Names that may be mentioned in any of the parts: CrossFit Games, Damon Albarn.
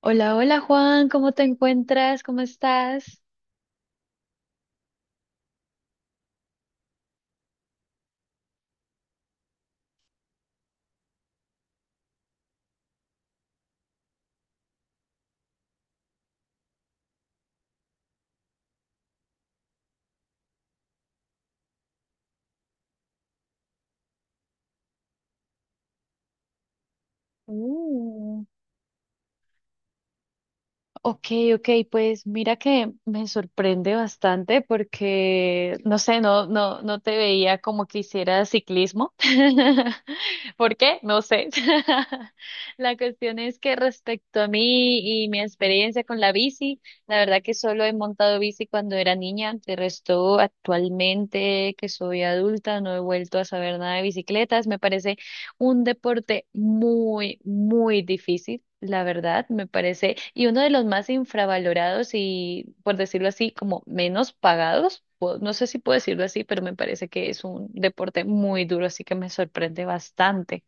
Hola, hola Juan, ¿cómo te encuentras? ¿Cómo estás? Mm, Ok, ok, pues mira que me sorprende bastante porque, no sé, no, no, no te veía como que hicieras ciclismo. ¿Por qué? No sé. La cuestión es que respecto a mí y mi experiencia con la bici, la verdad que solo he montado bici cuando era niña. De resto, actualmente que soy adulta, no he vuelto a saber nada de bicicletas. Me parece un deporte muy, muy difícil, la verdad, me parece, y uno de los más infravalorados y, por decirlo así, como menos pagados. No sé si puedo decirlo así, pero me parece que es un deporte muy duro, así que me sorprende bastante.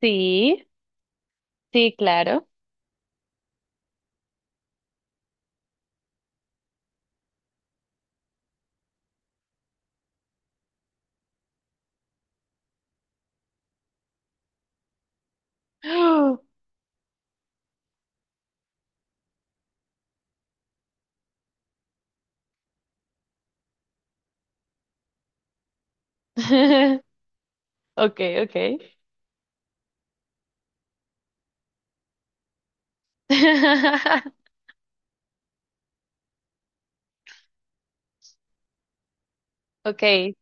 Sí, sí, claro. Ok, ok. Ok,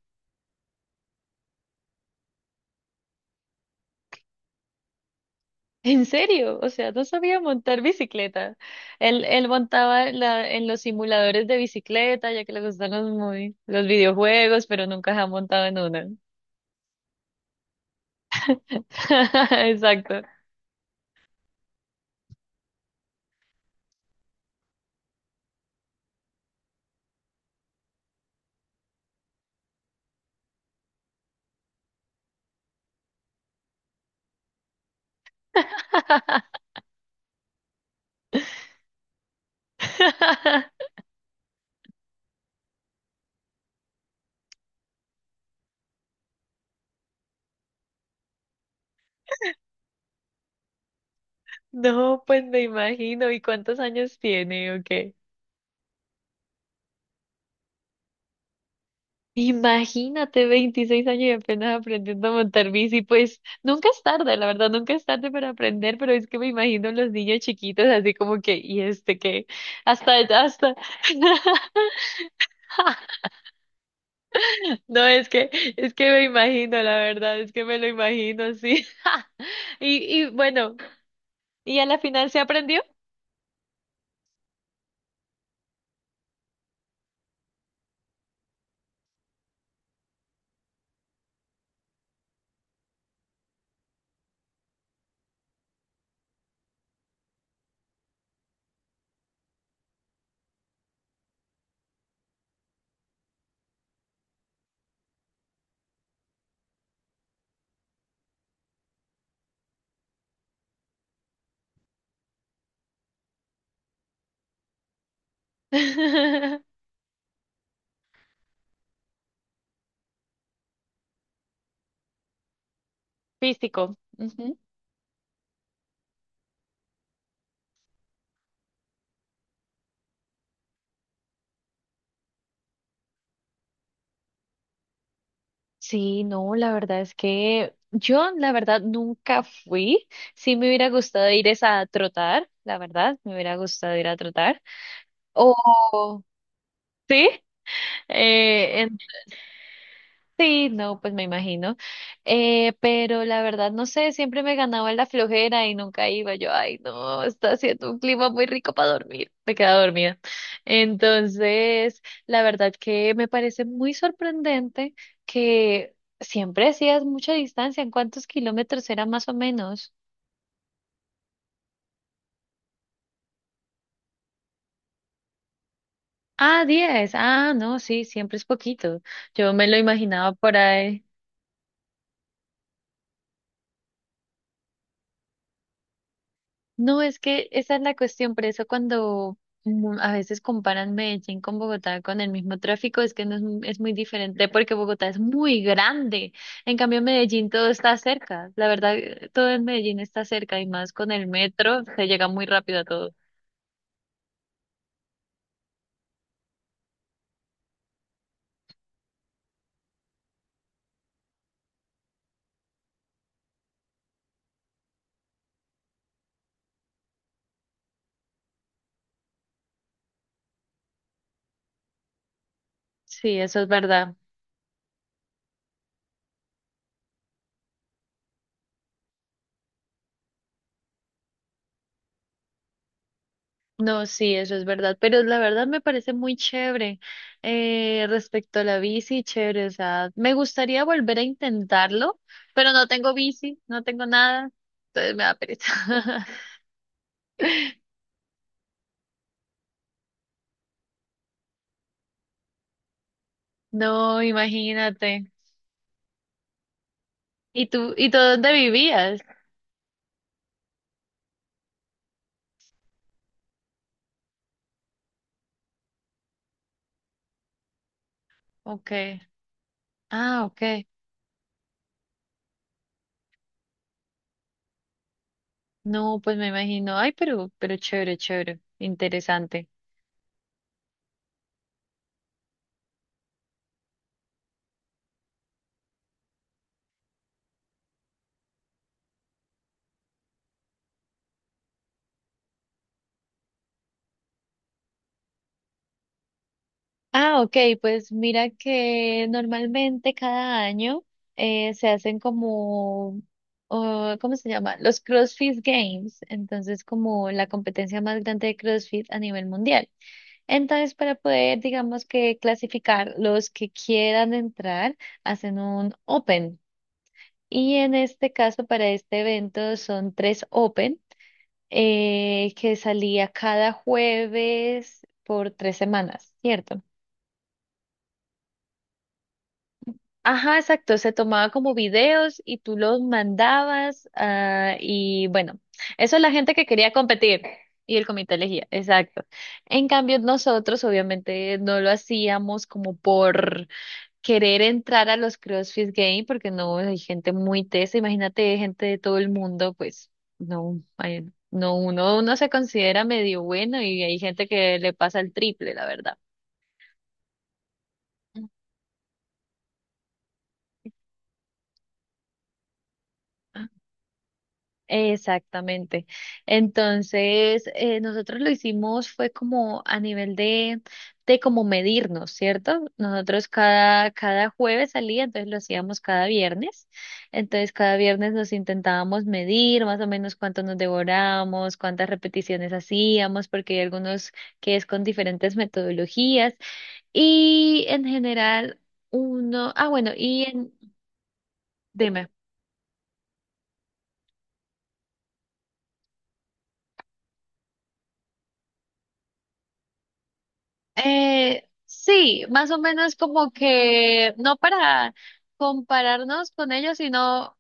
¿en serio? O sea, no sabía montar bicicleta. Él montaba en los simuladores de bicicleta, ya que le gustan los videojuegos, pero nunca se ha montado en una. Exacto. No, pues me imagino. ¿Y cuántos años tiene o qué? Imagínate, 26 años y apenas aprendiendo a montar bici, pues nunca es tarde, la verdad, nunca es tarde para aprender, pero es que me imagino los niños chiquitos así como que, y este que, hasta, no, es que me imagino, la verdad, es que me lo imagino, sí. Y bueno, y a la final se aprendió. Físico. Sí, no, la verdad es que yo, la verdad, nunca fui. Sí me hubiera gustado ir es a trotar, la verdad, me hubiera gustado ir a trotar. O, sí, eh, Sí, no, pues me imagino. Pero la verdad, no sé, siempre me ganaba la flojera y nunca iba. Yo, ay, no, está haciendo un clima muy rico para dormir. Me quedaba dormida. Entonces, la verdad que me parece muy sorprendente que siempre hacías mucha distancia. ¿En cuántos kilómetros era más o menos? Ah, 10. Ah, no, sí, siempre es poquito. Yo me lo imaginaba por ahí. No, es que esa es la cuestión, por eso cuando a veces comparan Medellín con Bogotá con el mismo tráfico, es que no es, es muy diferente porque Bogotá es muy grande. En cambio, en Medellín todo está cerca. La verdad, todo en Medellín está cerca y más con el metro se llega muy rápido a todo. Sí, eso es verdad. No, sí, eso es verdad, pero la verdad me parece muy chévere respecto a la bici, chévere, o sea, me gustaría volver a intentarlo, pero no tengo bici, no tengo nada, entonces me da pereza. No, imagínate. Y tú dónde vivías? Okay. Ah, okay. No, pues me imagino. Ay, pero chévere, chévere, interesante. Ah, ok, pues mira que normalmente cada año se hacen como, oh, ¿cómo se llama? Los CrossFit Games, entonces como la competencia más grande de CrossFit a nivel mundial. Entonces para poder, digamos que clasificar los que quieran entrar, hacen un Open. Y en este caso, para este evento son tres Open que salía cada jueves por 3 semanas, ¿cierto? Ajá, exacto. Se tomaba como videos y tú los mandabas. Ah, y bueno, eso es la gente que quería competir y el comité elegía. Exacto. En cambio, nosotros obviamente no lo hacíamos como por querer entrar a los CrossFit Games porque no hay gente muy tesa. Imagínate gente de todo el mundo, pues no, ay, no uno se considera medio bueno y hay gente que le pasa el triple, la verdad. Exactamente. Entonces, nosotros lo hicimos fue como a nivel de, como medirnos, ¿cierto? Nosotros cada jueves salía, entonces lo hacíamos cada viernes. Entonces, cada viernes nos intentábamos medir más o menos cuánto nos devorábamos, cuántas repeticiones hacíamos, porque hay algunos que es con diferentes metodologías. Y en general, uno, ah, bueno, y en, dime. Sí, más o menos como que no para compararnos con ellos, sino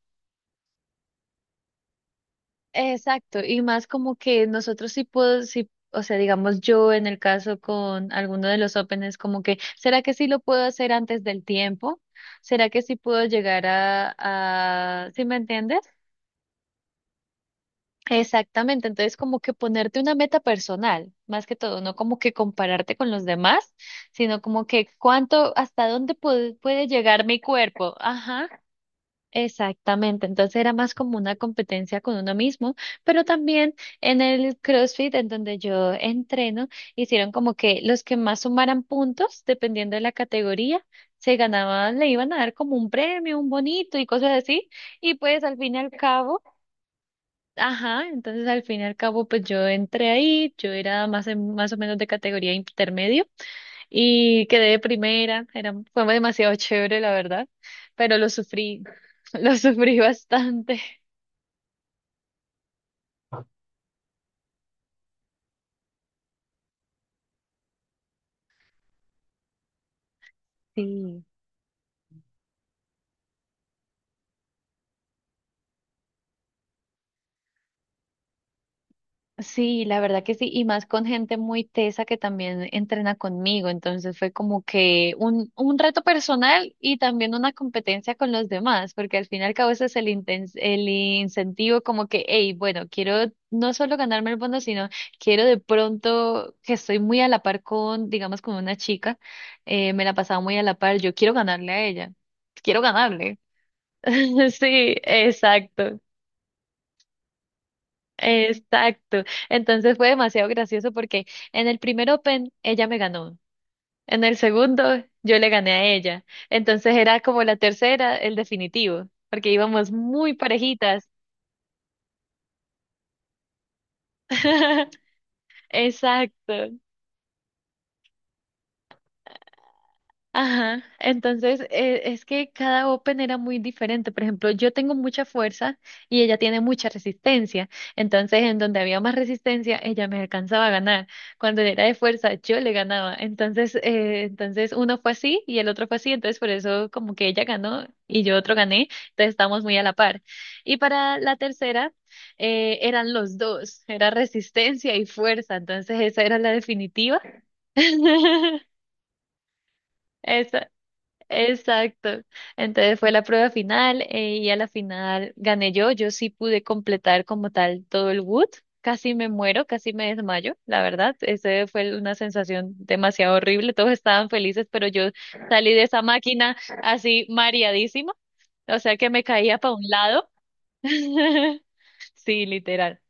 exacto, y más como que nosotros sí puedo, sí, o sea, digamos yo en el caso con alguno de los Opens, como que, ¿será que sí lo puedo hacer antes del tiempo? ¿Será que sí puedo llegar a, ¿sí me entiendes? Exactamente, entonces como que ponerte una meta personal, más que todo, no como que compararte con los demás, sino como que cuánto, hasta dónde puede llegar mi cuerpo. Ajá, exactamente, entonces era más como una competencia con uno mismo, pero también en el CrossFit, en donde yo entreno, hicieron como que los que más sumaran puntos, dependiendo de la categoría, se ganaban, le iban a dar como un premio, un bonito y cosas así, y pues al fin y al cabo. Ajá. Entonces, al fin y al cabo, pues yo entré ahí, yo era más, más o menos de categoría intermedio y quedé de primera, fue demasiado chévere, la verdad, pero lo sufrí, lo sufrí bastante. Sí. Sí, la verdad que sí, y más con gente muy tesa que también entrena conmigo, entonces fue como que un reto personal y también una competencia con los demás, porque al fin y al cabo ese es el incentivo como que, hey, bueno, quiero no solo ganarme el bono, sino quiero de pronto que estoy muy a la par con, digamos, con una chica, me la pasaba muy a la par, yo quiero ganarle a ella, quiero ganarle. Sí, exacto. Exacto. Entonces fue demasiado gracioso porque en el primer Open ella me ganó. En el segundo yo le gané a ella. Entonces era como la tercera, el definitivo, porque íbamos muy parejitas. Exacto. Ajá, entonces es que cada open era muy diferente. Por ejemplo, yo tengo mucha fuerza y ella tiene mucha resistencia. Entonces, en donde había más resistencia, ella me alcanzaba a ganar. Cuando era de fuerza, yo le ganaba. Entonces, uno fue así y el otro fue así. Entonces, por eso como que ella ganó y yo otro gané. Entonces, estábamos muy a la par. Y para la tercera, eran los dos. Era resistencia y fuerza. Entonces, esa era la definitiva. Eso. Exacto. Entonces fue la prueba final, y a la final gané yo. Yo sí pude completar como tal todo el wood. Casi me muero, casi me desmayo, la verdad. Ese fue una sensación demasiado horrible. Todos estaban felices, pero yo salí de esa máquina así mareadísima. O sea que me caía para un lado. Sí, literal.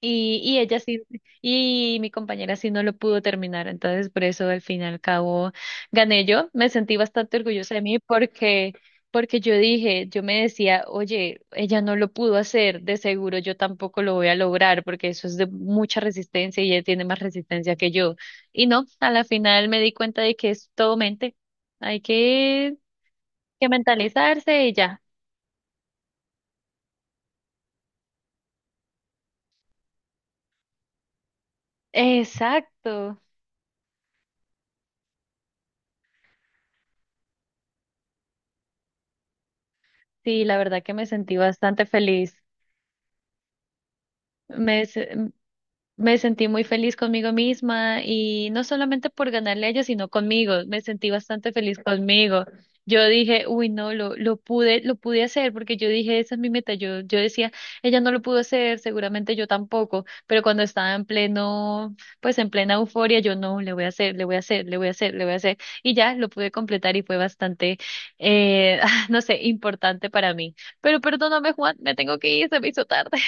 Y ella sí, y mi compañera sí no lo pudo terminar, entonces por eso al fin y al cabo gané yo. Me sentí bastante orgullosa de mí porque yo me decía, oye, ella no lo pudo hacer, de seguro yo tampoco lo voy a lograr porque eso es de mucha resistencia y ella tiene más resistencia que yo. Y no, a la final me di cuenta de que es todo mente, hay que mentalizarse y ya. Exacto, sí, la verdad que me sentí bastante feliz. Me, Me sentí muy feliz conmigo misma y no solamente por ganarle a ella, sino conmigo. Me sentí bastante feliz conmigo. Yo dije, uy, no, lo pude hacer porque yo dije, esa es mi meta. Yo decía, ella no lo pudo hacer, seguramente yo tampoco, pero cuando estaba en pleno, pues en plena euforia, yo no, le voy a hacer, le voy a hacer, le voy a hacer, le voy a hacer. Y ya lo pude completar y fue bastante, eh, no sé, importante para mí. Pero perdóname, Juan, me tengo que ir, se me hizo tarde.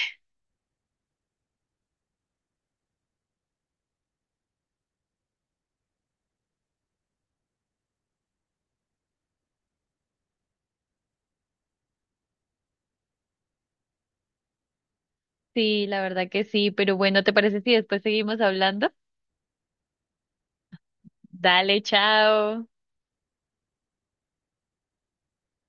Sí, la verdad que sí, pero bueno, ¿te parece si después seguimos hablando? Dale, chao.